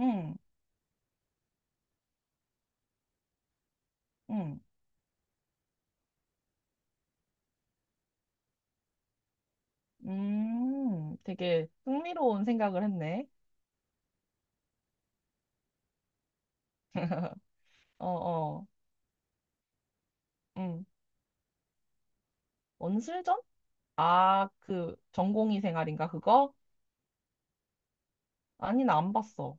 응, 응, 되게 흥미로운 생각을 했네. 어, 어, 응. 원술전? 아, 그 전공의 생활인가 그거? 아니, 나 안 봤어.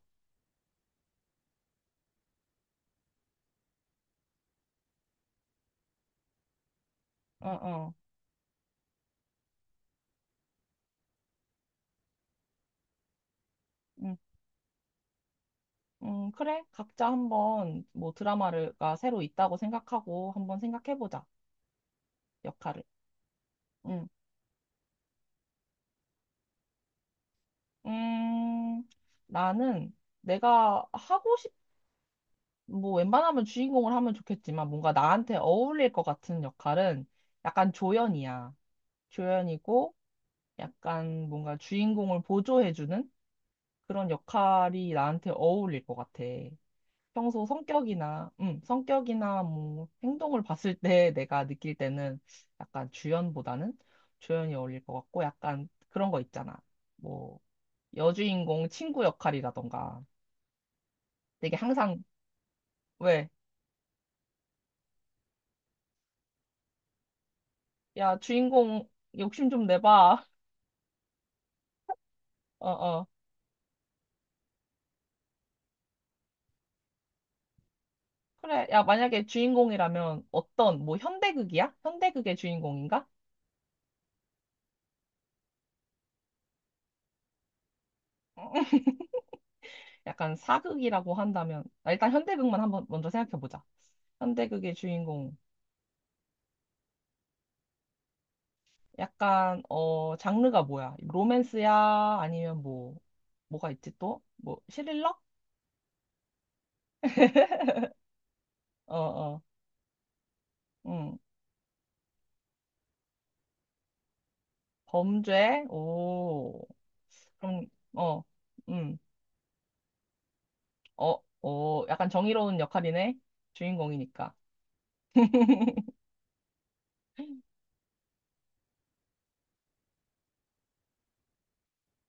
어, 어, 응, 응, 그래. 각자 한번 뭐 드라마가 새로 있다고 생각하고 한번 생각해보자. 역할을. 응, 음, 나는 내가 하고 싶, 뭐 웬만하면 주인공을 하면 좋겠지만 뭔가 나한테 어울릴 것 같은 역할은 약간 조연이야. 조연이고 약간 뭔가 주인공을 보조해주는 그런 역할이 나한테 어울릴 것 같아. 평소 성격이나 뭐 행동을 봤을 때 내가 느낄 때는 약간 주연보다는 조연이 어울릴 것 같고 약간 그런 거 있잖아. 뭐 여주인공 친구 역할이라던가 되게 항상 왜? 야, 주인공 욕심 좀 내봐. 어, 어. 그래. 야, 만약에 주인공이라면 어떤, 뭐 현대극이야? 현대극의 주인공인가? 약간 사극이라고 한다면 아, 일단 현대극만 한번 먼저 생각해 보자. 현대극의 주인공 약간 장르가 뭐야? 로맨스야? 아니면 뭐 뭐가 있지 또? 뭐 스릴러? 어 어. 음. 범죄? 오. 그럼 어. 음. 어, 어 약간 정의로운 역할이네. 주인공이니까.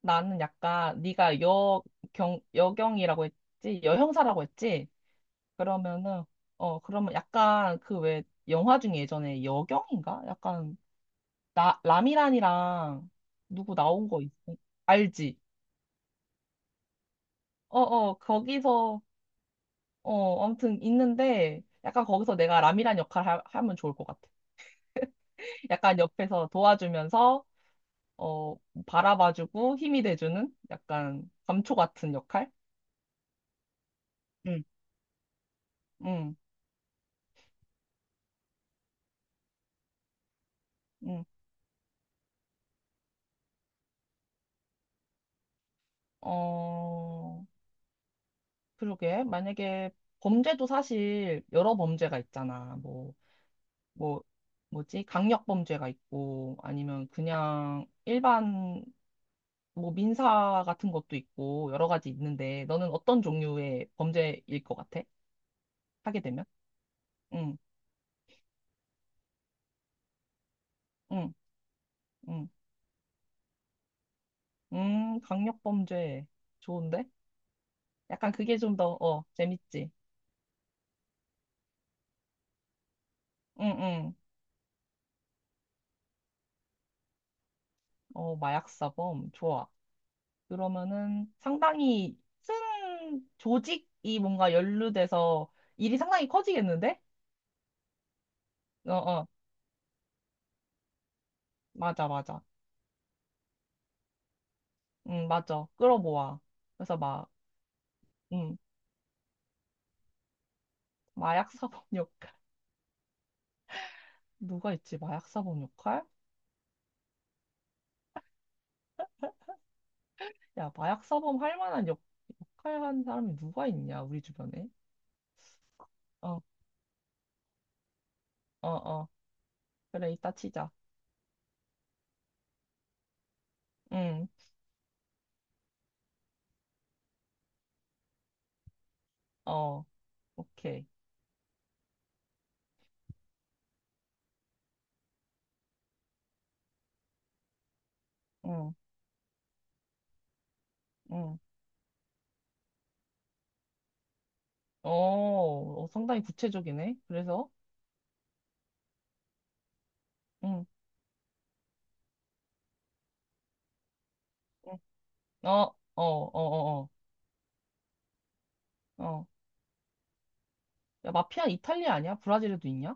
나는 약간 네가 여경이라고 했지? 여형사라고 했지? 그러면은 그러면 약간 그 왜 영화 중에 예전에 여경인가? 약간 나 라미란이랑 누구 알지? 어 어 거기서 아무튼 있는데 약간 거기서 내가 라미란 역할 하면 좋을 것 같아. 약간 옆에서 도와주면서 어 바라봐주고 힘이 돼주는 약간 감초 같은 역할? 응, 응, 응. 어 그러게 만약에 범죄도 사실 여러 범죄가 있잖아. 뭐 뭐, 뭐지? 강력범죄가 있고, 아니면 그냥 일반, 뭐, 민사 같은 것도 있고, 여러 가지 있는데, 너는 어떤 종류의 범죄일 것 같아? 하게 되면? 응, 응, 응. 강력범죄. 좋은데? 약간 그게 좀 더, 재밌지? 응, 응. 어, 마약사범. 좋아. 그러면은 상당히 큰 조직이 뭔가 연루돼서 일이 상당히 커지겠는데? 어, 어. 맞아, 맞아. 응 맞아. 끌어모아. 그래서 막, 응 마약 사범 역할. 누가 있지? 마약 사범 역할? 야, 마약 사범 할 만한 역할 한 사람이 누가 있냐, 우리 주변에? 어, 어, 어. 그래, 이따 치자. 응, 어, 오케이. 응, 응. 어, 어, 상당히 구체적이네. 그래서, 응, 응. 어, 어, 어, 어, 어. 어. 야, 마피아 이탈리아 아니야? 브라질에도 있냐?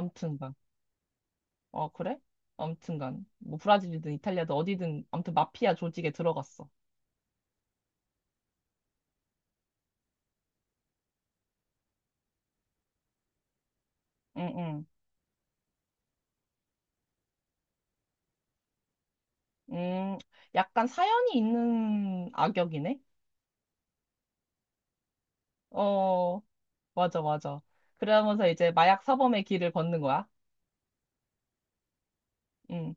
암튼, 그래? 아무튼간 뭐 브라질이든 이탈리아든 어디든 아무튼 마피아 조직에 들어갔어. 응, 응. 음, 약간 사연이 있는 악역이네. 어, 맞아, 맞아. 그러면서 이제 마약 사범의 길을 걷는 거야. 응,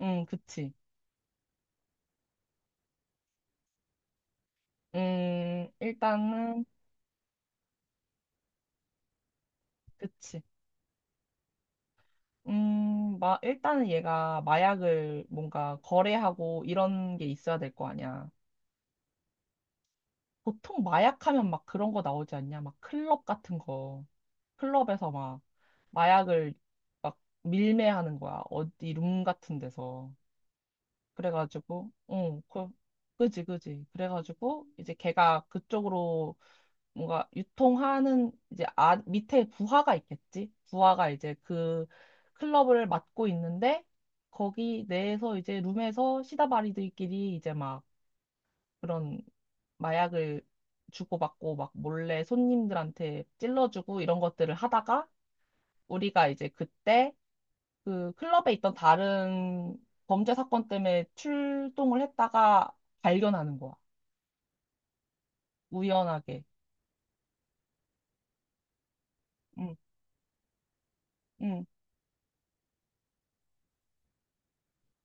응, 그치. 일단은 그치. 일단은 얘가 마약을 뭔가 거래하고 이런 게 있어야 될 거 아니야. 보통 마약하면 막 그런 거 나오지 않냐? 막 클럽 같은 거. 클럽에서 막 마약을 막 밀매하는 거야. 어디 룸 같은 데서. 그래가지고, 응, 그지, 그지. 그래가지고, 이제 걔가 그쪽으로 뭔가 유통하는 이제 밑에 부하가 있겠지? 부하가 이제 그 클럽을 맡고 있는데, 거기 내에서 이제 룸에서 시다바리들끼리 이제 막 그런 마약을 주고받고 막 몰래 손님들한테 찔러주고 이런 것들을 하다가 우리가 이제 그때 그 클럽에 있던 다른 범죄 사건 때문에 출동을 했다가 발견하는 거야. 우연하게. 응, 응,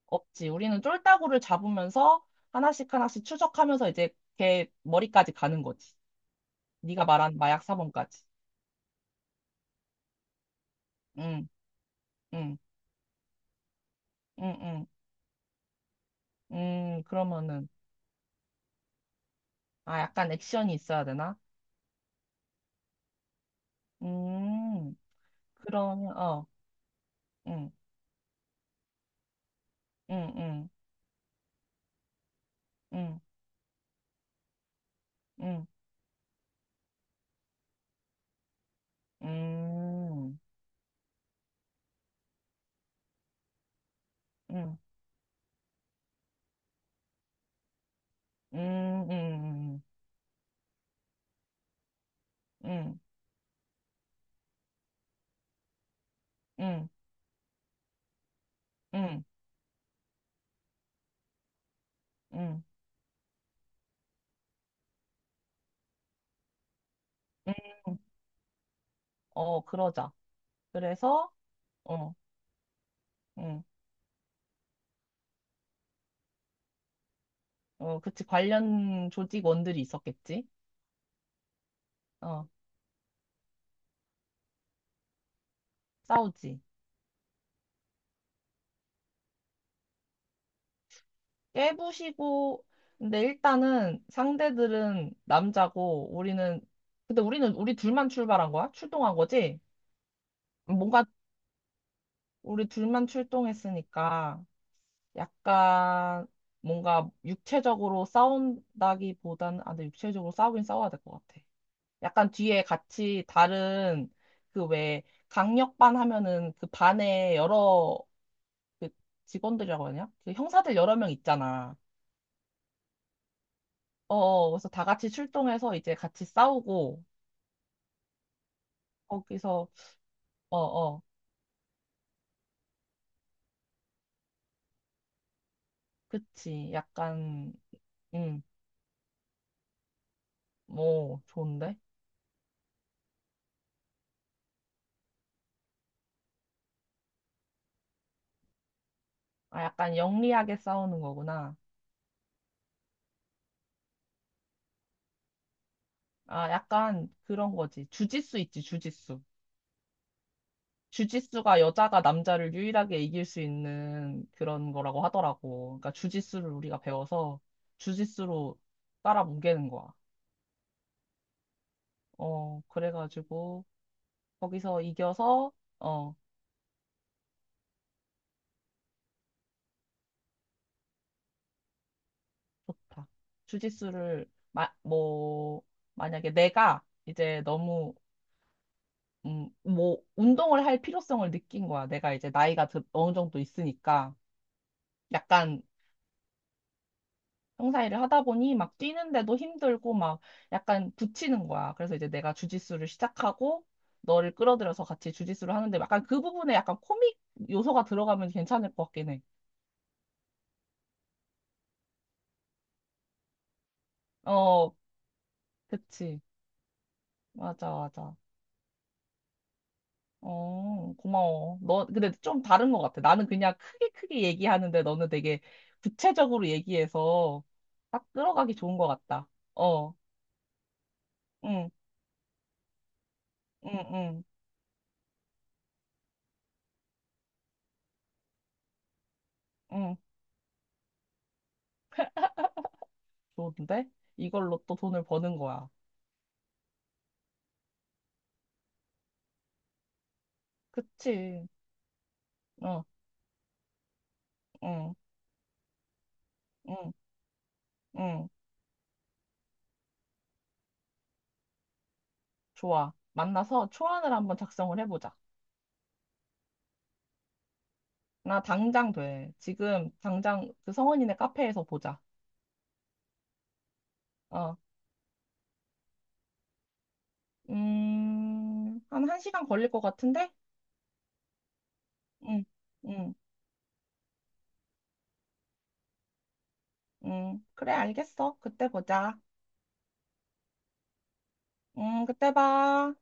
없지. 우리는 쫄따구를 잡으면서 하나씩 하나씩 추적하면서 이제 걔 머리까지 가는 거지. 네가 말한 마약 사범까지. 응, 응, 응, 응. 그러면은, 아, 약간 액션이 있어야 되나? 음, 그러면, 어, 응, 응, 응, 응, 응, 응, 응. 음, 음, 음, 음, 음, 음, 음, 어, 그러자. 그래서, 어, 음, 어, 그치. 관련 조직원들이 있었겠지. 어, 싸우지. 깨부시고, 근데 일단은 상대들은 남자고, 우리는, 근데 우리 둘만 출발한 거야? 출동한 거지? 뭔가 우리 둘만 출동했으니까, 약간, 뭔가 육체적으로 싸운다기보다는, 아, 근데 육체적으로 싸우긴 싸워야 될 것 같아. 약간 뒤에 같이 다른 그 왜 강력반 하면은 그 반에 여러 그 직원들이라고 하냐? 그 형사들 여러 명 있잖아. 어, 어, 그래서 다 같이 출동해서 이제 같이 싸우고 거기서 어, 어, 그치. 약간 음, 뭐 좋은데? 아, 약간 영리하게 싸우는 거구나. 아, 약간 그런 거지. 주짓수 있지, 주짓수. 주짓수가 여자가 남자를 유일하게 이길 수 있는 그런 거라고 하더라고. 그러니까 주짓수를 우리가 배워서 주짓수로 깔아뭉개는 거야. 그래가지고 거기서 이겨서 어, 좋다. 주짓수를 뭐 만약에 내가 이제 너무 뭐 운동을 할 필요성을 느낀 거야. 내가 이제 나이가 어느 정도 있으니까 약간 형사 일을 하다 보니 막 뛰는데도 힘들고 막 약간 붙이는 거야. 그래서 이제 내가 주짓수를 시작하고 너를 끌어들여서 같이 주짓수를 하는데 약간 그 부분에 약간 코믹 요소가 들어가면 괜찮을 것 같긴 해. 어, 그치. 맞아, 맞아. 어, 고마워. 너, 근데 좀 다른 것 같아. 나는 그냥 크게 크게 얘기하는데 너는 되게 구체적으로 얘기해서 딱 끌어가기 좋은 것 같다. 어, 응, 응, 응, 응. 좋은데? 이걸로 또 돈을 버는 거야. 그치. 응, 응, 응, 응. 좋아. 만나서 초안을 한번 작성을 해보자. 나 당장 돼. 지금 당장 그 성원이네 카페에서 보자. 어, 한 1시간 걸릴 것 같은데? 응, 응, 응. 그래, 알겠어. 그때 보자. 응, 그때 봐.